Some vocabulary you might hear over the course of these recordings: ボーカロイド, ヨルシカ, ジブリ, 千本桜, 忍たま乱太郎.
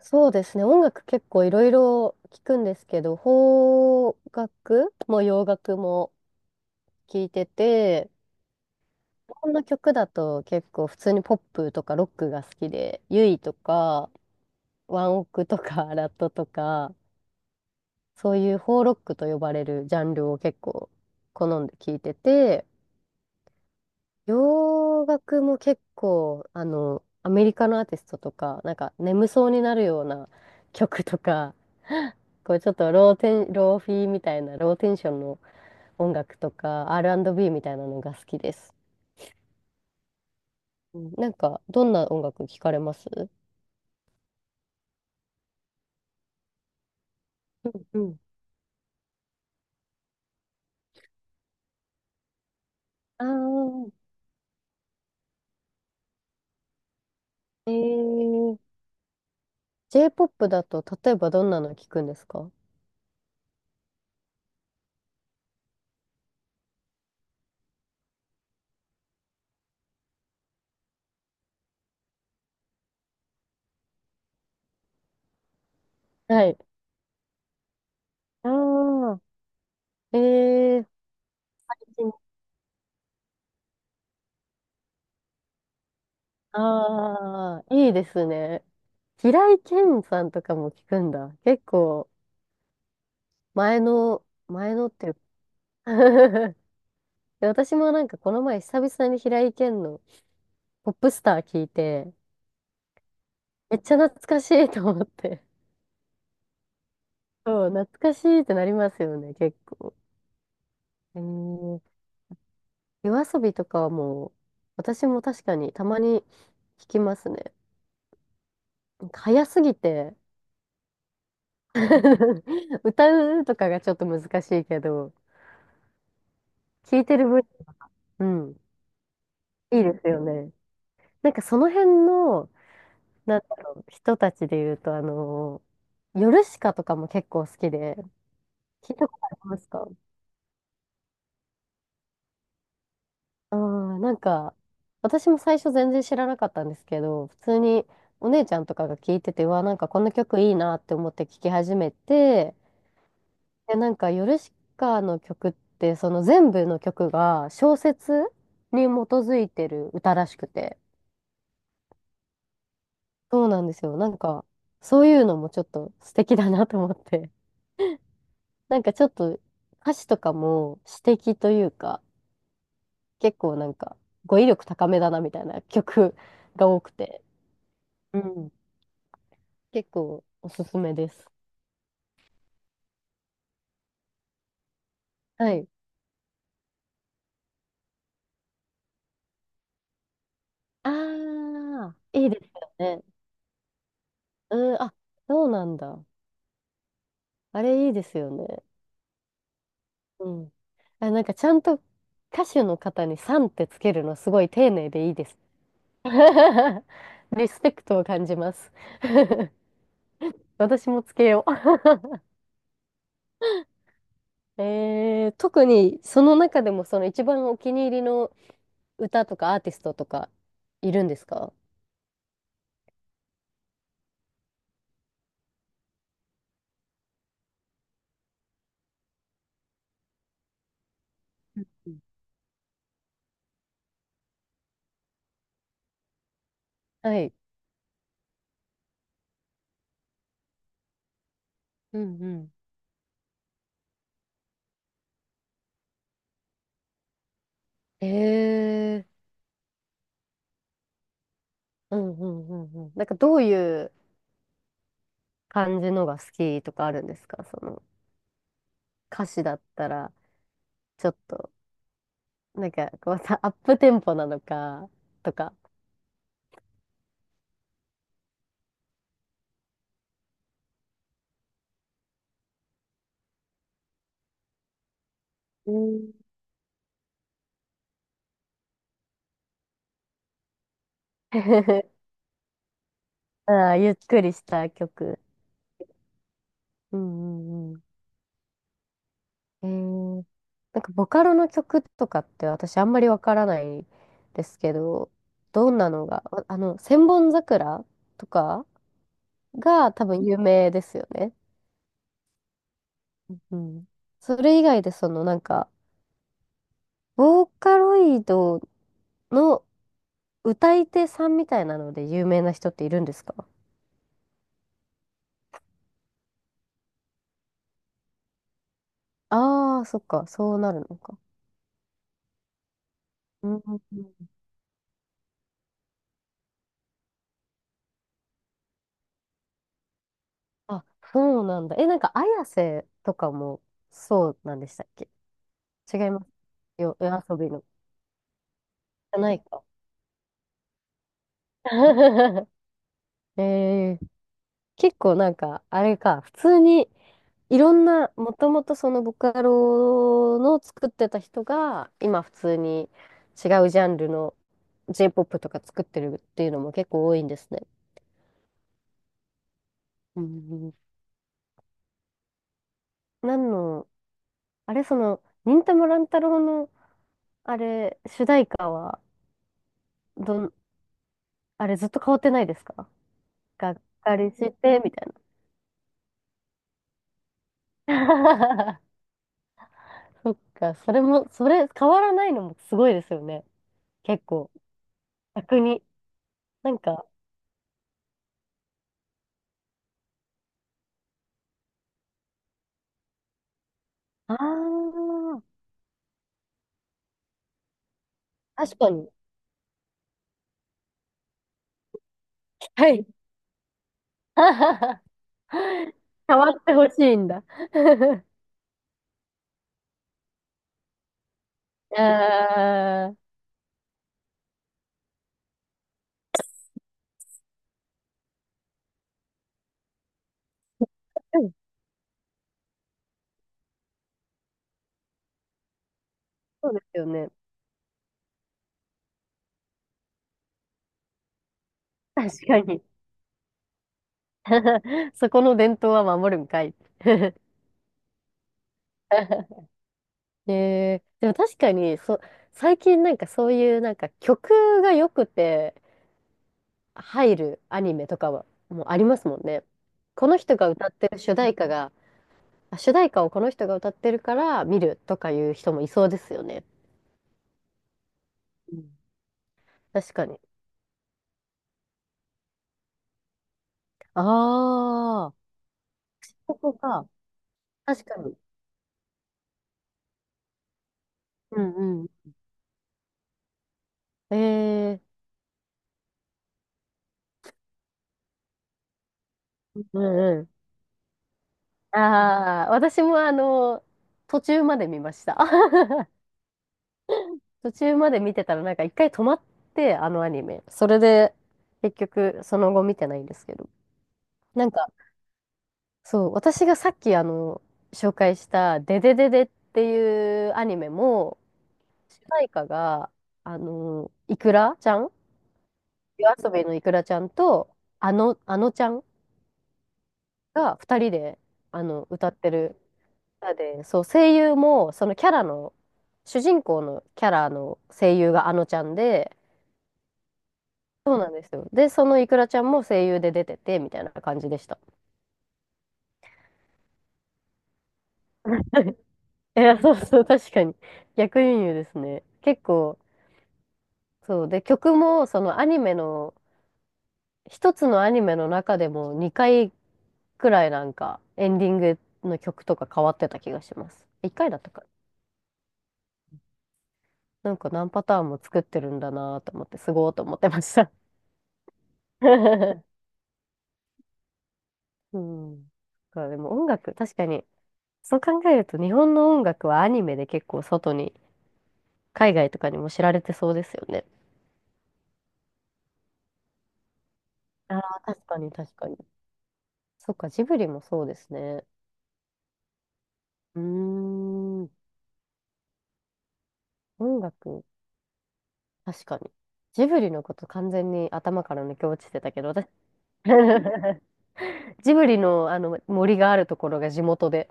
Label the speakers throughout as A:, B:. A: そうですね。音楽結構いろいろ聞くんですけど、邦楽も洋楽も聞いてて、日本の曲だと結構普通にポップとかロックが好きで、ユイとかワンオクとか ラットとか、そういう邦ロックと呼ばれるジャンルを結構好んで聞いてて、洋楽も結構、アメリカのアーティストとか、なんか眠そうになるような曲とか、こうちょっとローフィーみたいな、ローテンションの音楽とか、R&B みたいなのが好きです。うん、なんか、どんな音楽聞かれます？うんうん。ああ、J-POP だと、例えばどんなの聞くんですか？はい。ああ、えー、ああ、いいですね。平井堅さんとかも聞くんだ。結構、前のっていうか で私もなんかこの前久々に平井堅のポップスター聞いて、めっちゃ懐かしいと思って。そう、懐かしいってなりますよね、結構。えー、夜遊びとかはもう、私も確かにたまに聞きますね。なんか早すぎて 歌うとかがちょっと難しいけど、聞いてる分、うん、いいですよね。なんかその辺の、なんだろう、人たちで言うと、ヨルシカとかも結構好きで、聞いたことありますか？あー、なんか、私も最初全然知らなかったんですけど、普通にお姉ちゃんとかが聞いてて、うわ、なんかこの曲いいなって思って聴き始めて、で、なんかヨルシカの曲って、その全部の曲が小説に基づいてる歌らしくて、そうなんですよ。なんか、そういうのもちょっと素敵だなと思って、なんかちょっと歌詞とかも詩的というか、結構なんか語彙力高めだなみたいな曲が多くて。うん、結構おすすめです。はい。ああ、いいですよね。うん、あ、そうなんだ。あれいいですよね。うん。あ、なんかちゃんと歌手の方にさんってつけるのすごい丁寧でいいです。リスペクトを感じます。私もつけよう。特にその中でもその一番お気に入りの歌とかアーティストとかいるんですか？うんうん、はい。うんうん。えー、うんうんうんうん。なんかどういう感じのが好きとかあるんですか？その歌詞だったら、ちょっと、なんか、こうさ、アップテンポなのか、とか。うん ああ、ゆっくりした曲。うんうんうん。なんか、ボカロの曲とかって私あんまりわからないですけど、どんなのが、千本桜とかが多分有名ですよね。うん。それ以外で、そのなんか、ボーカロイドの歌い手さんみたいなので有名な人っているんですか？ああー、そっか、そうなるのか。うんうんうん。あ、そうなんだ。え、なんか、綾瀬とかもそうなんでしたっけ？違います。夜遊びの。じゃないか。えー、結構なんか、あれか、普通に、いろんな、もともとそのボカロの作ってた人が、今普通に違うジャンルの J-POP とか作ってるっていうのも結構多いんですね。うんうん。何のあれ、その、忍たま乱太郎の、あれ、主題歌は、どん、あれずっと変わってないですか？がっかりして、みたいな。そっか、それも、それ、変わらないのもすごいですよね。結構、逆に。なんか、ああ、確かに。はい。変わってほしいんだ。ああ、うん、そうですよね。確かに。そこの伝統は守るんかい。ねえ、でも確かに、最近なんかそういうなんか曲が良くて入るアニメとかはもうありますもんね。この人が歌ってる主題歌が、あ、主題歌をこの人が歌ってるから見るとかいう人もいそうですよね。うん、確かに。ああ、ここか。確かに。うんうん。えー、うんうん。ああ、私もあの、途中まで見ました。途中まで見てたらなんか一回止まって、あのアニメ。それで、結局その後見てないんですけど。なんか、そう、私がさっき紹介したデデデデっていうアニメも、主題歌が、あの、イクラちゃん夜遊びのイクラちゃんと、あのちゃんが二人で、歌ってる歌で、そう、声優も、そのキャラの、主人公のキャラの声優があのちゃんで、そうなんですよ。で、そのイクラちゃんも声優で出てて、みたいな感じでした。いや、そうそう、確かに。逆輸入ですね。結構、そう。で、曲も、そのアニメの、一つのアニメの中でも2回くらいなんか、エンディングの曲とか変わってた気がします。1回だったかな。なんか何パターンも作ってるんだなと思って、すごーと思ってました。うん。だからでも音楽、確かに、そう考えると日本の音楽はアニメで結構外に海外とかにも知られてそうですよね。ああ、確かに確かに。そっか、ジブリもそうですね。うーん、音楽、確かに。ジブリのこと完全に頭から抜け落ちてたけどね、私 ジブリの、あの森があるところが地元で。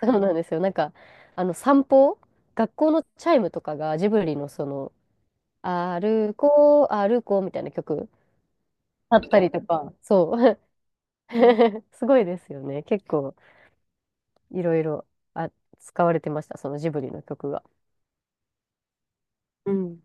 A: そうなんですよ。なんか、あの散歩、学校のチャイムとかがジブリのその、歩こう、歩こうみたいな曲だったりとか、そう。すごいですよね。結構、いろいろ、あ、使われてました、そのジブリの曲が。うん。